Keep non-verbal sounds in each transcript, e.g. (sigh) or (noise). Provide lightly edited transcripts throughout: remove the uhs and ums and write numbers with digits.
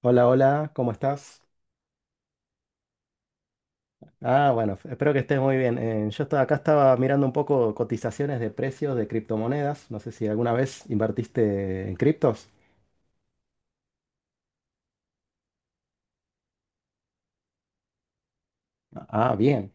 Hola, hola, ¿cómo estás? Ah, bueno, espero que estés muy bien. Yo estaba acá, estaba mirando un poco cotizaciones de precios de criptomonedas. No sé si alguna vez invertiste en criptos. Ah, bien.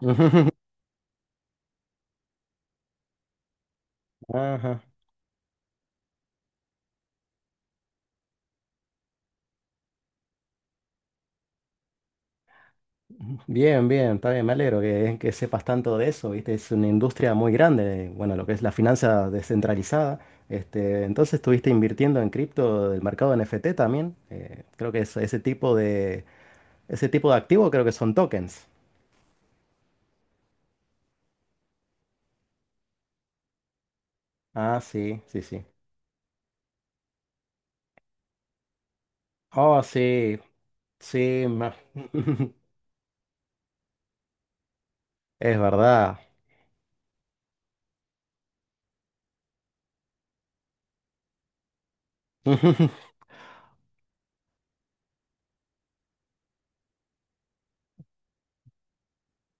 (laughs) Ajá. Bien, bien, está bien, me alegro que sepas tanto de eso, ¿viste? Es una industria muy grande, bueno, lo que es la finanza descentralizada. Este, entonces estuviste invirtiendo en cripto del mercado NFT también. Creo que ese tipo de activo creo que son tokens. Ah, sí, sí, sí. Oh, sí, sí, (laughs) es verdad. (laughs)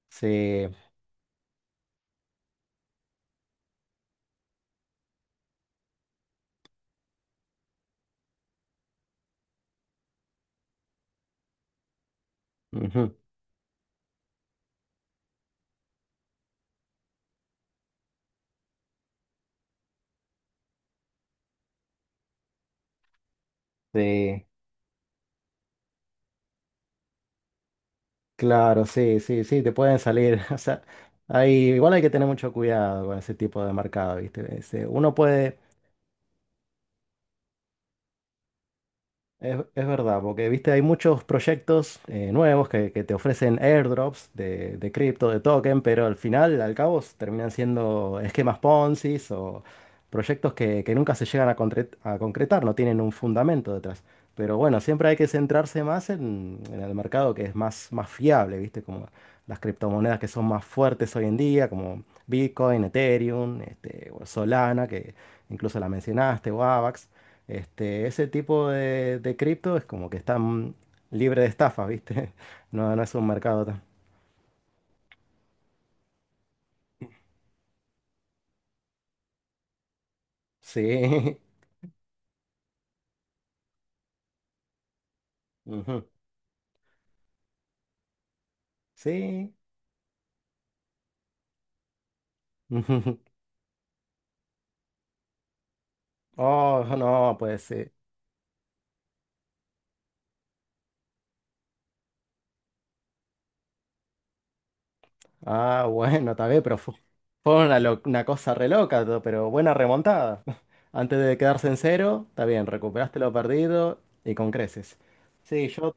Sí, ujú, sí, claro, sí, sí, sí, te pueden salir. (laughs) O sea, igual hay que tener mucho cuidado con ese tipo de mercado, ¿viste? Este, uno puede... Es verdad, porque viste, hay muchos proyectos nuevos que te ofrecen airdrops de cripto, de token, pero al final, al cabo, terminan siendo esquemas Ponzi o proyectos que nunca se llegan a concretar, no tienen un fundamento detrás. Pero bueno, siempre hay que centrarse más en el mercado que es más fiable, viste, como las criptomonedas que son más fuertes hoy en día, como Bitcoin, Ethereum, este, o Solana, que incluso la mencionaste, o AVAX. Este, ese tipo de cripto es como que están libre de estafa, ¿viste? (laughs) No, no es un mercado tan... Sí. (laughs) Ujú, sí. Ujú. Oh, no, pues sí. Ah, bueno, está bien, pero fue, una cosa re loca, pero buena remontada. (laughs) Antes de quedarse en cero, está bien, recuperaste lo perdido y con creces. Sí, yo...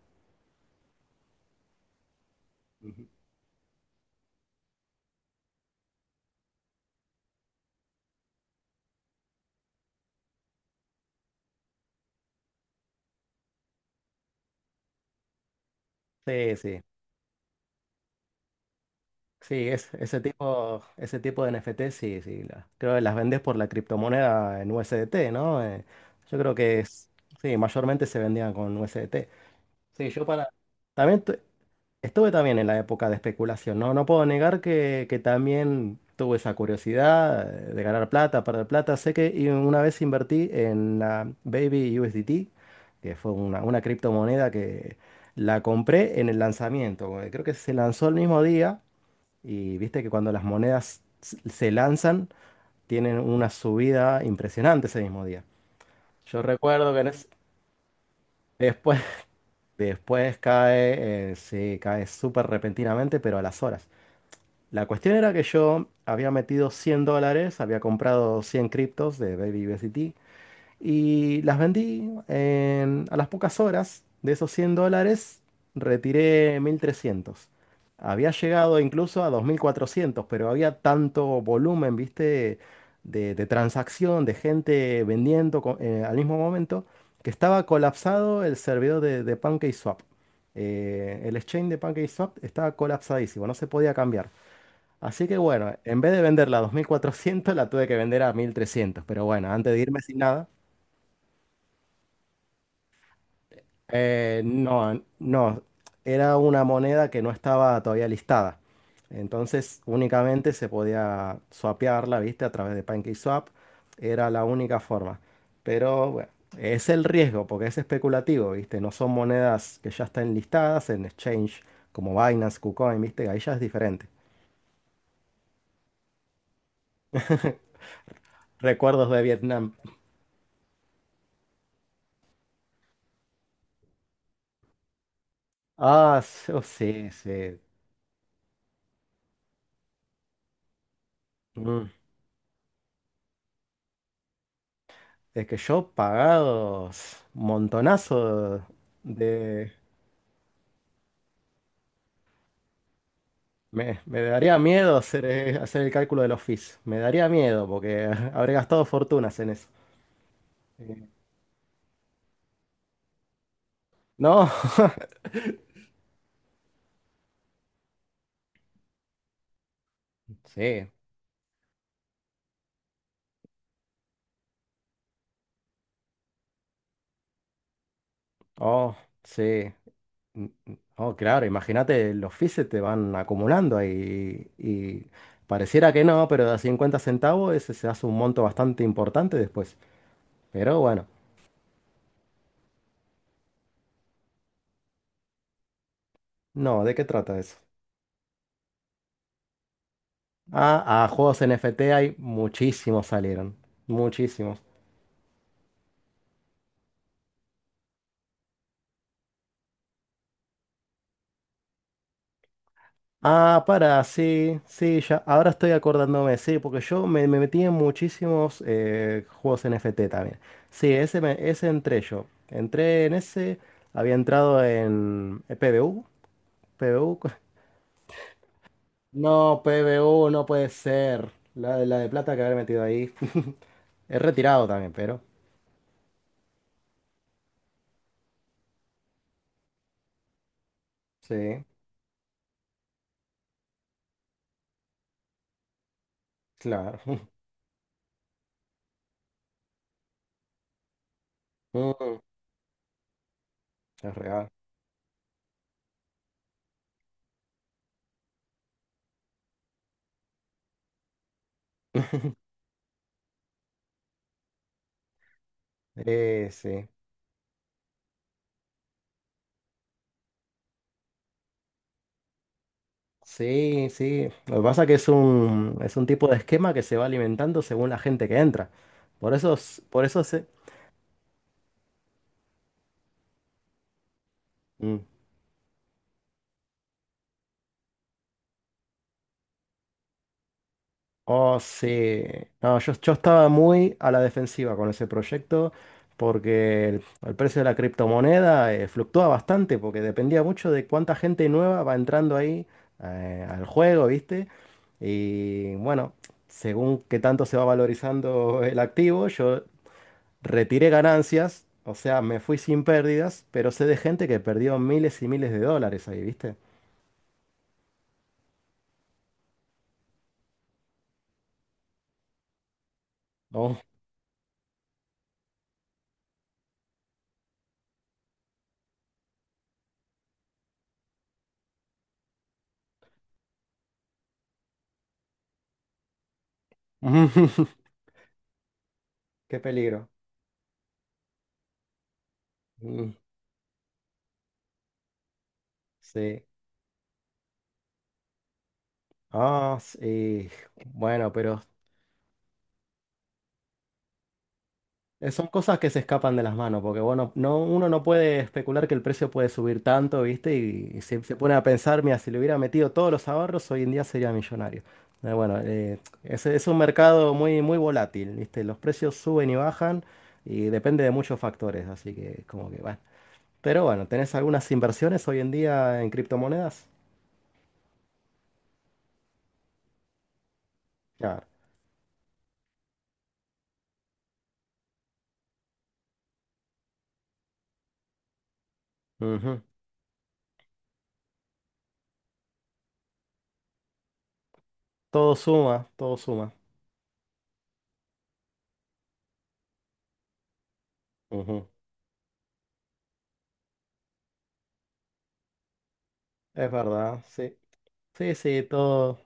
Sí, sí. Sí, ese tipo de NFT, sí, sí. Creo que las vendes por la criptomoneda en USDT, ¿no? Yo creo que sí, mayormente se vendían con USDT. Sí, yo para... También estuve también en la época de especulación, ¿no? No puedo negar que también tuve esa curiosidad de ganar plata, perder plata. Sé que y una vez invertí en la Baby USDT, que fue una criptomoneda que la compré en el lanzamiento. Creo que se lanzó el mismo día. Y viste que cuando las monedas se lanzan, tienen una subida impresionante ese mismo día. Yo recuerdo que después, (laughs) después cae, sí, cae súper repentinamente, pero a las horas. La cuestión era que yo había metido $100, había comprado 100 criptos de Baby BST. Y las vendí a las pocas horas. De esos $100, retiré 1.300. Había llegado incluso a 2.400, pero había tanto volumen, viste, de transacción, de gente vendiendo al mismo momento, que estaba colapsado el servidor de PancakeSwap. El exchange de PancakeSwap estaba colapsadísimo, no se podía cambiar. Así que bueno, en vez de venderla a 2.400, la tuve que vender a 1.300. Pero bueno, antes de irme sin nada. No, no, era una moneda que no estaba todavía listada. Entonces únicamente se podía swapearla, ¿viste? A través de PancakeSwap. Era la única forma. Pero bueno, es el riesgo porque es especulativo, ¿viste? No son monedas que ya están listadas en exchange como Binance, KuCoin, ¿viste? Ahí ya es diferente. Recuerdos de Vietnam. Ah, oh, sí, sí. Mm, Es que yo pagados montonazo de... Me daría miedo hacer el cálculo de los fees. Me daría miedo porque (laughs) habré gastado fortunas en eso. Eh, No, (laughs) sí, oh, sí. Mm, mm. Oh, claro, imagínate, los fees se te van acumulando ahí y pareciera que no, pero de a 50 centavos ese se hace un monto bastante importante después. Pero bueno, no, ¿de qué trata eso? Ah, a juegos NFT hay muchísimos salieron, muchísimos. Ah, para, sí, sí, ya, ahora estoy acordándome, sí, porque yo me metí en muchísimos juegos NFT también. Sí, ese entré yo. Entré en ese, había entrado en PBU, PBU. No, PBU no puede ser. La de plata que haber metido ahí. (laughs) He retirado también, pero. Sí, claro. (laughs) Mm, es real. (laughs) Sí. Sí, sí. Lo que pasa es que es un tipo de esquema que se va alimentando según la gente que entra. Por eso se... Mm. Oh, sí. No, yo estaba muy a la defensiva con ese proyecto porque el precio de la criptomoneda fluctúa bastante porque dependía mucho de cuánta gente nueva va entrando ahí, al juego, ¿viste? Y bueno, según qué tanto se va valorizando el activo, yo retiré ganancias, o sea, me fui sin pérdidas, pero sé de gente que perdió miles y miles de dólares ahí, ¿viste? Oh, (laughs) qué peligro. Mm, sí. Ah, sí. Bueno, pero... Son cosas que se escapan de las manos, porque bueno, no, uno no puede especular que el precio puede subir tanto, ¿viste? Y se pone a pensar, mira, si le hubiera metido todos los ahorros, hoy en día sería millonario. Bueno, es un mercado muy, muy volátil, ¿viste? Los precios suben y bajan y depende de muchos factores, así que como que bueno. Pero bueno, ¿tenés algunas inversiones hoy en día en criptomonedas? Claro. Ujú. Todo suma, todo suma. Ujú. Es verdad, sí. Sí, sí, todo.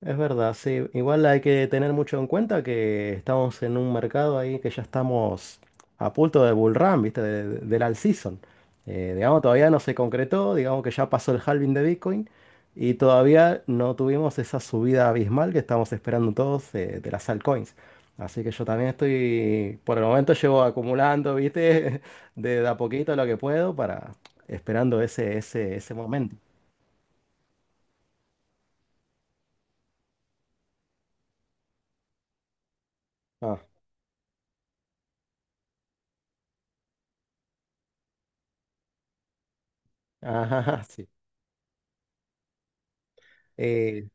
Es verdad, sí. Igual hay que tener mucho en cuenta que estamos en un mercado ahí que ya estamos a punto de bull run, ¿viste? Del all season. Digamos, todavía no se concretó, digamos que ya pasó el halving de Bitcoin y todavía no tuvimos esa subida abismal que estamos esperando todos, de las altcoins. Así que yo también estoy, por el momento llevo acumulando, ¿viste? (laughs) De a poquito lo que puedo para esperando ese momento. Ah, ajá, (laughs) sí. Eh,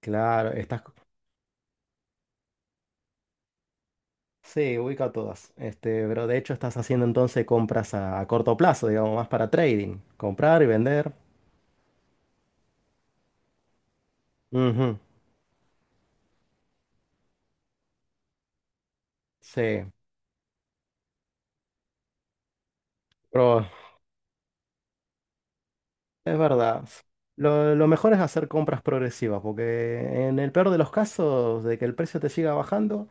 claro, estás. Sí, ubica todas. Este, pero de hecho estás haciendo entonces compras a corto plazo, digamos, más para trading. Comprar y vender. Ujú, sí, pero es verdad. Lo mejor es hacer compras progresivas, porque en el peor de los casos, de que el precio te siga bajando.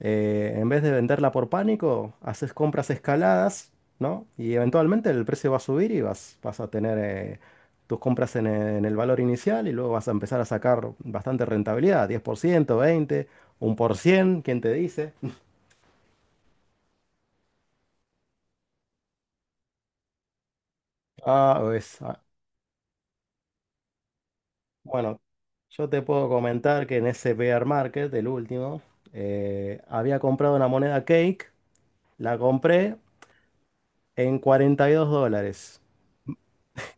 En vez de venderla por pánico, haces compras escaladas, ¿no? Y eventualmente el precio va a subir y vas a tener, tus compras en el valor inicial y luego vas a empezar a sacar bastante rentabilidad, 10%, 20, 1%, ¿quién te dice? (laughs) Ah, pues, ah, bueno, yo te puedo comentar que en ese bear market, el último, había comprado una moneda cake, la compré en $42.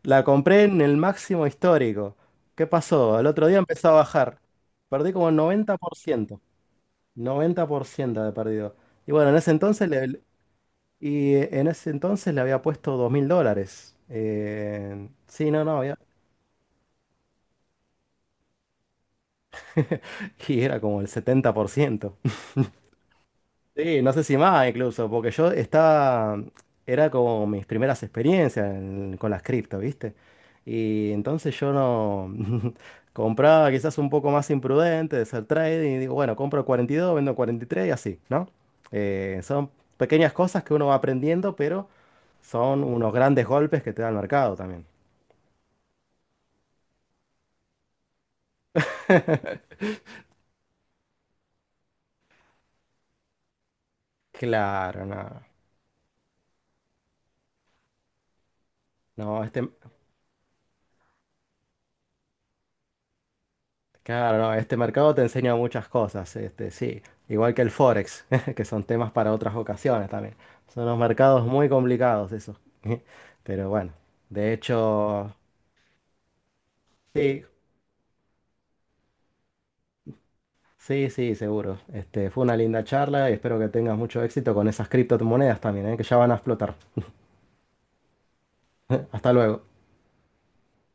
La compré en el máximo histórico. ¿Qué pasó? El otro día empezó a bajar. Perdí como 90%. 90% de perdido. Y bueno, en ese entonces le había puesto $2.000. Sí, no, no, había. (laughs) Y era como el 70%. Sí, no sé si más incluso, porque yo estaba, era como mis primeras experiencias con las cripto, ¿viste? Y entonces yo no (laughs) compraba quizás un poco más imprudente de hacer trading y digo, bueno, compro 42, vendo 43 y tres y así, ¿no? Son pequeñas cosas que uno va aprendiendo, pero son unos grandes golpes que te da el mercado también. Claro, nada. No, este... Claro, no, este mercado te enseña muchas cosas, este, sí, igual que el Forex, (laughs) que son temas para otras ocasiones también. Son unos mercados muy complicados esos. (laughs) Pero bueno, de hecho, sí, sí, sí, seguro. Este, fue una linda charla y espero que tengas mucho éxito con esas criptomonedas también, ¿eh? Que ya van a explotar. (laughs) Hasta luego.